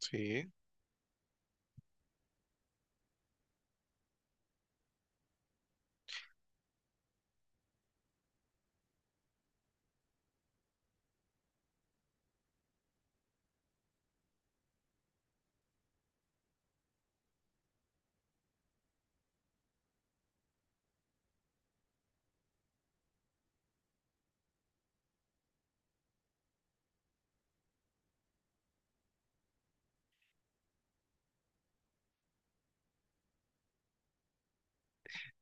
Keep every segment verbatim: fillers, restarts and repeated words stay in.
Sí.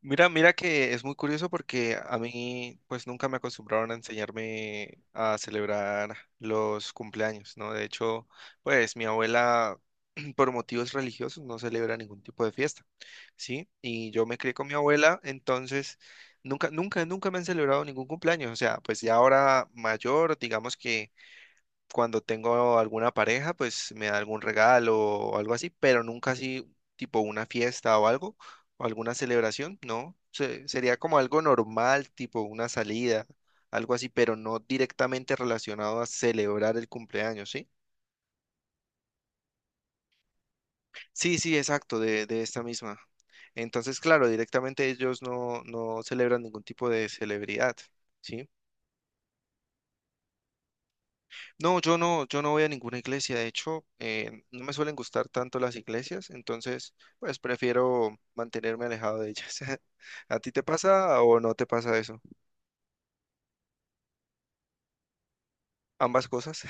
Mira, mira que es muy curioso porque a mí pues nunca me acostumbraron a enseñarme a celebrar los cumpleaños, ¿no? De hecho, pues mi abuela por motivos religiosos no celebra ningún tipo de fiesta, ¿sí? Y yo me crié con mi abuela, entonces nunca, nunca, nunca me han celebrado ningún cumpleaños. O sea, pues ya ahora mayor, digamos que cuando tengo alguna pareja, pues me da algún regalo o algo así, pero nunca así tipo una fiesta o algo, o alguna celebración, no. Se- sería como algo normal, tipo una salida, algo así, pero no directamente relacionado a celebrar el cumpleaños, ¿sí? Sí, sí, exacto, de, de esta misma. Entonces, claro, directamente ellos no, no celebran ningún tipo de celebridad, ¿sí? No, yo no, yo no voy a ninguna iglesia. De hecho, eh, no me suelen gustar tanto las iglesias, entonces, pues prefiero mantenerme alejado de ellas. ¿A ti te pasa o no te pasa eso? Ambas cosas.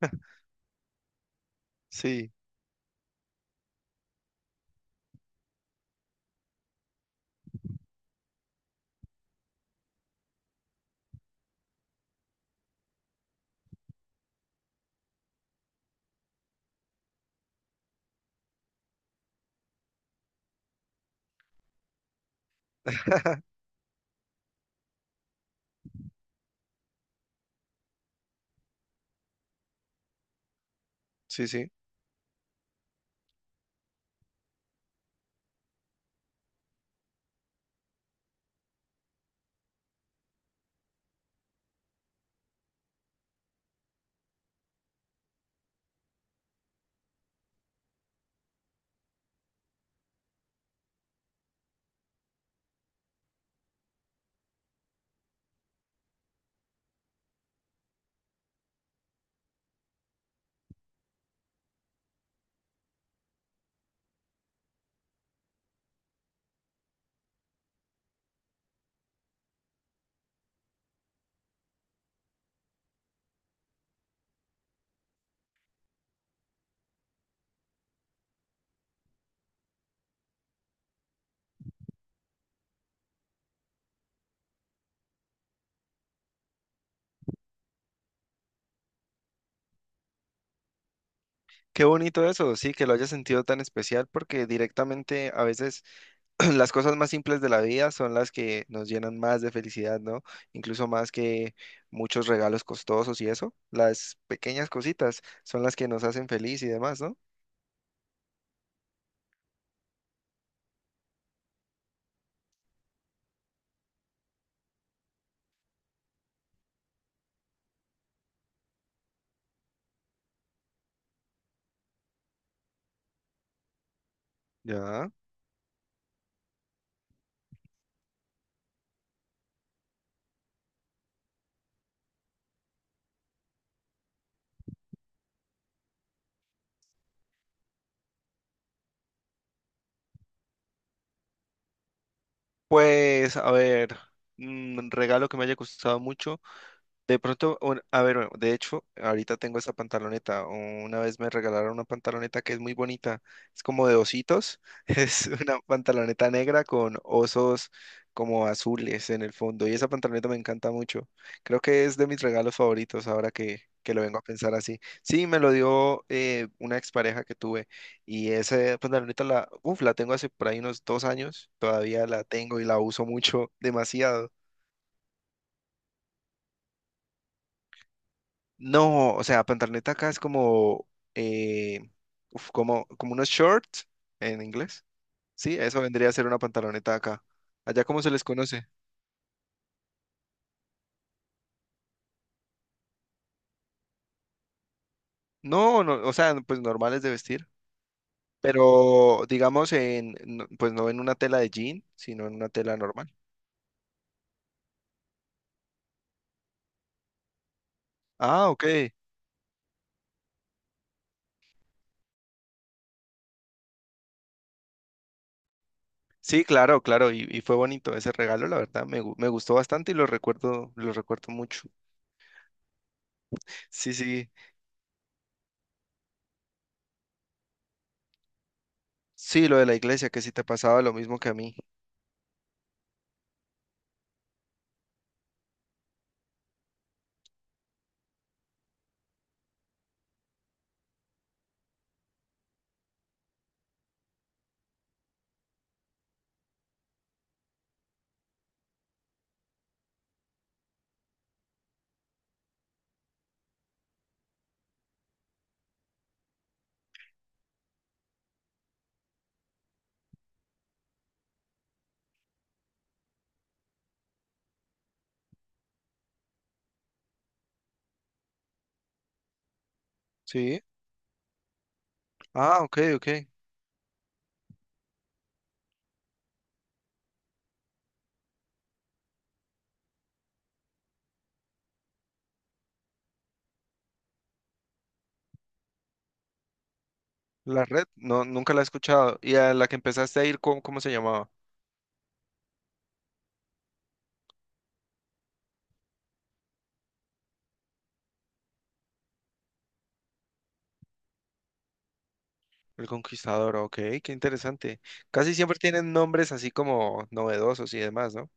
Sí, sí, sí. Qué bonito eso, sí, que lo hayas sentido tan especial, porque directamente a veces las cosas más simples de la vida son las que nos llenan más de felicidad, ¿no? Incluso más que muchos regalos costosos y eso. Las pequeñas cositas son las que nos hacen feliz y demás, ¿no? Ya. Pues, a ver, un regalo que me haya gustado mucho. De pronto, un- a ver, de hecho, ahorita tengo esta pantaloneta. Una vez me regalaron una pantaloneta que es muy bonita. Es como de ositos. Es una pantaloneta negra con osos como azules en el fondo. Y esa pantaloneta me encanta mucho. Creo que es de mis regalos favoritos ahora que, que lo vengo a pensar así. Sí, me lo dio eh, una expareja que tuve. Y esa pantaloneta la, uf, la tengo hace por ahí unos dos años. Todavía la tengo y la uso mucho, demasiado. No, o sea, pantaloneta acá es como, eh, uf, como, como unos shorts en inglés. Sí, eso vendría a ser una pantaloneta acá. Allá cómo se les conoce. No, no, o sea, pues normales de vestir, pero digamos en, no- pues no en una tela de jean, sino en una tela normal. Ah, ok. Sí, claro, claro, y, y fue bonito ese regalo, la verdad, me, gu- me gustó bastante y lo recuerdo, lo recuerdo mucho. Sí, sí, sí, lo de la iglesia, que sí te pasaba lo mismo que a mí. Sí. Ah, ok, ok. La red, no, nunca la he escuchado. Y a la que empezaste a ir, ¿cómo, cómo se llamaba? El Conquistador, ok, qué interesante. Casi siempre tienen nombres así como novedosos y demás, ¿no?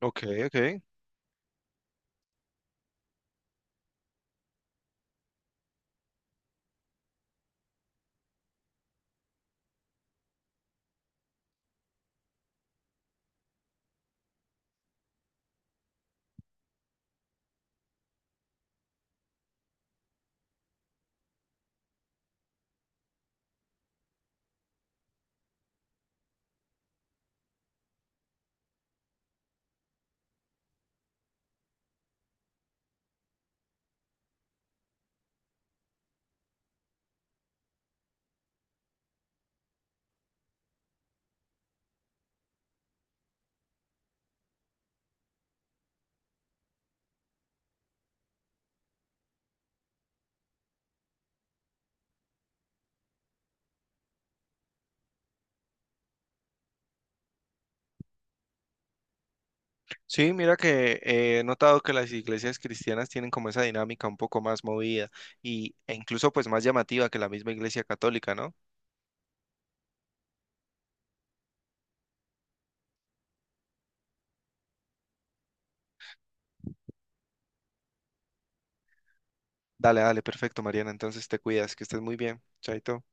Ok, ok. Sí, mira que eh, he notado que las iglesias cristianas tienen como esa dinámica un poco más movida y, e incluso pues más llamativa que la misma iglesia católica, ¿no? Dale, dale, perfecto, Mariana. Entonces te cuidas, que estés muy bien. Chaito.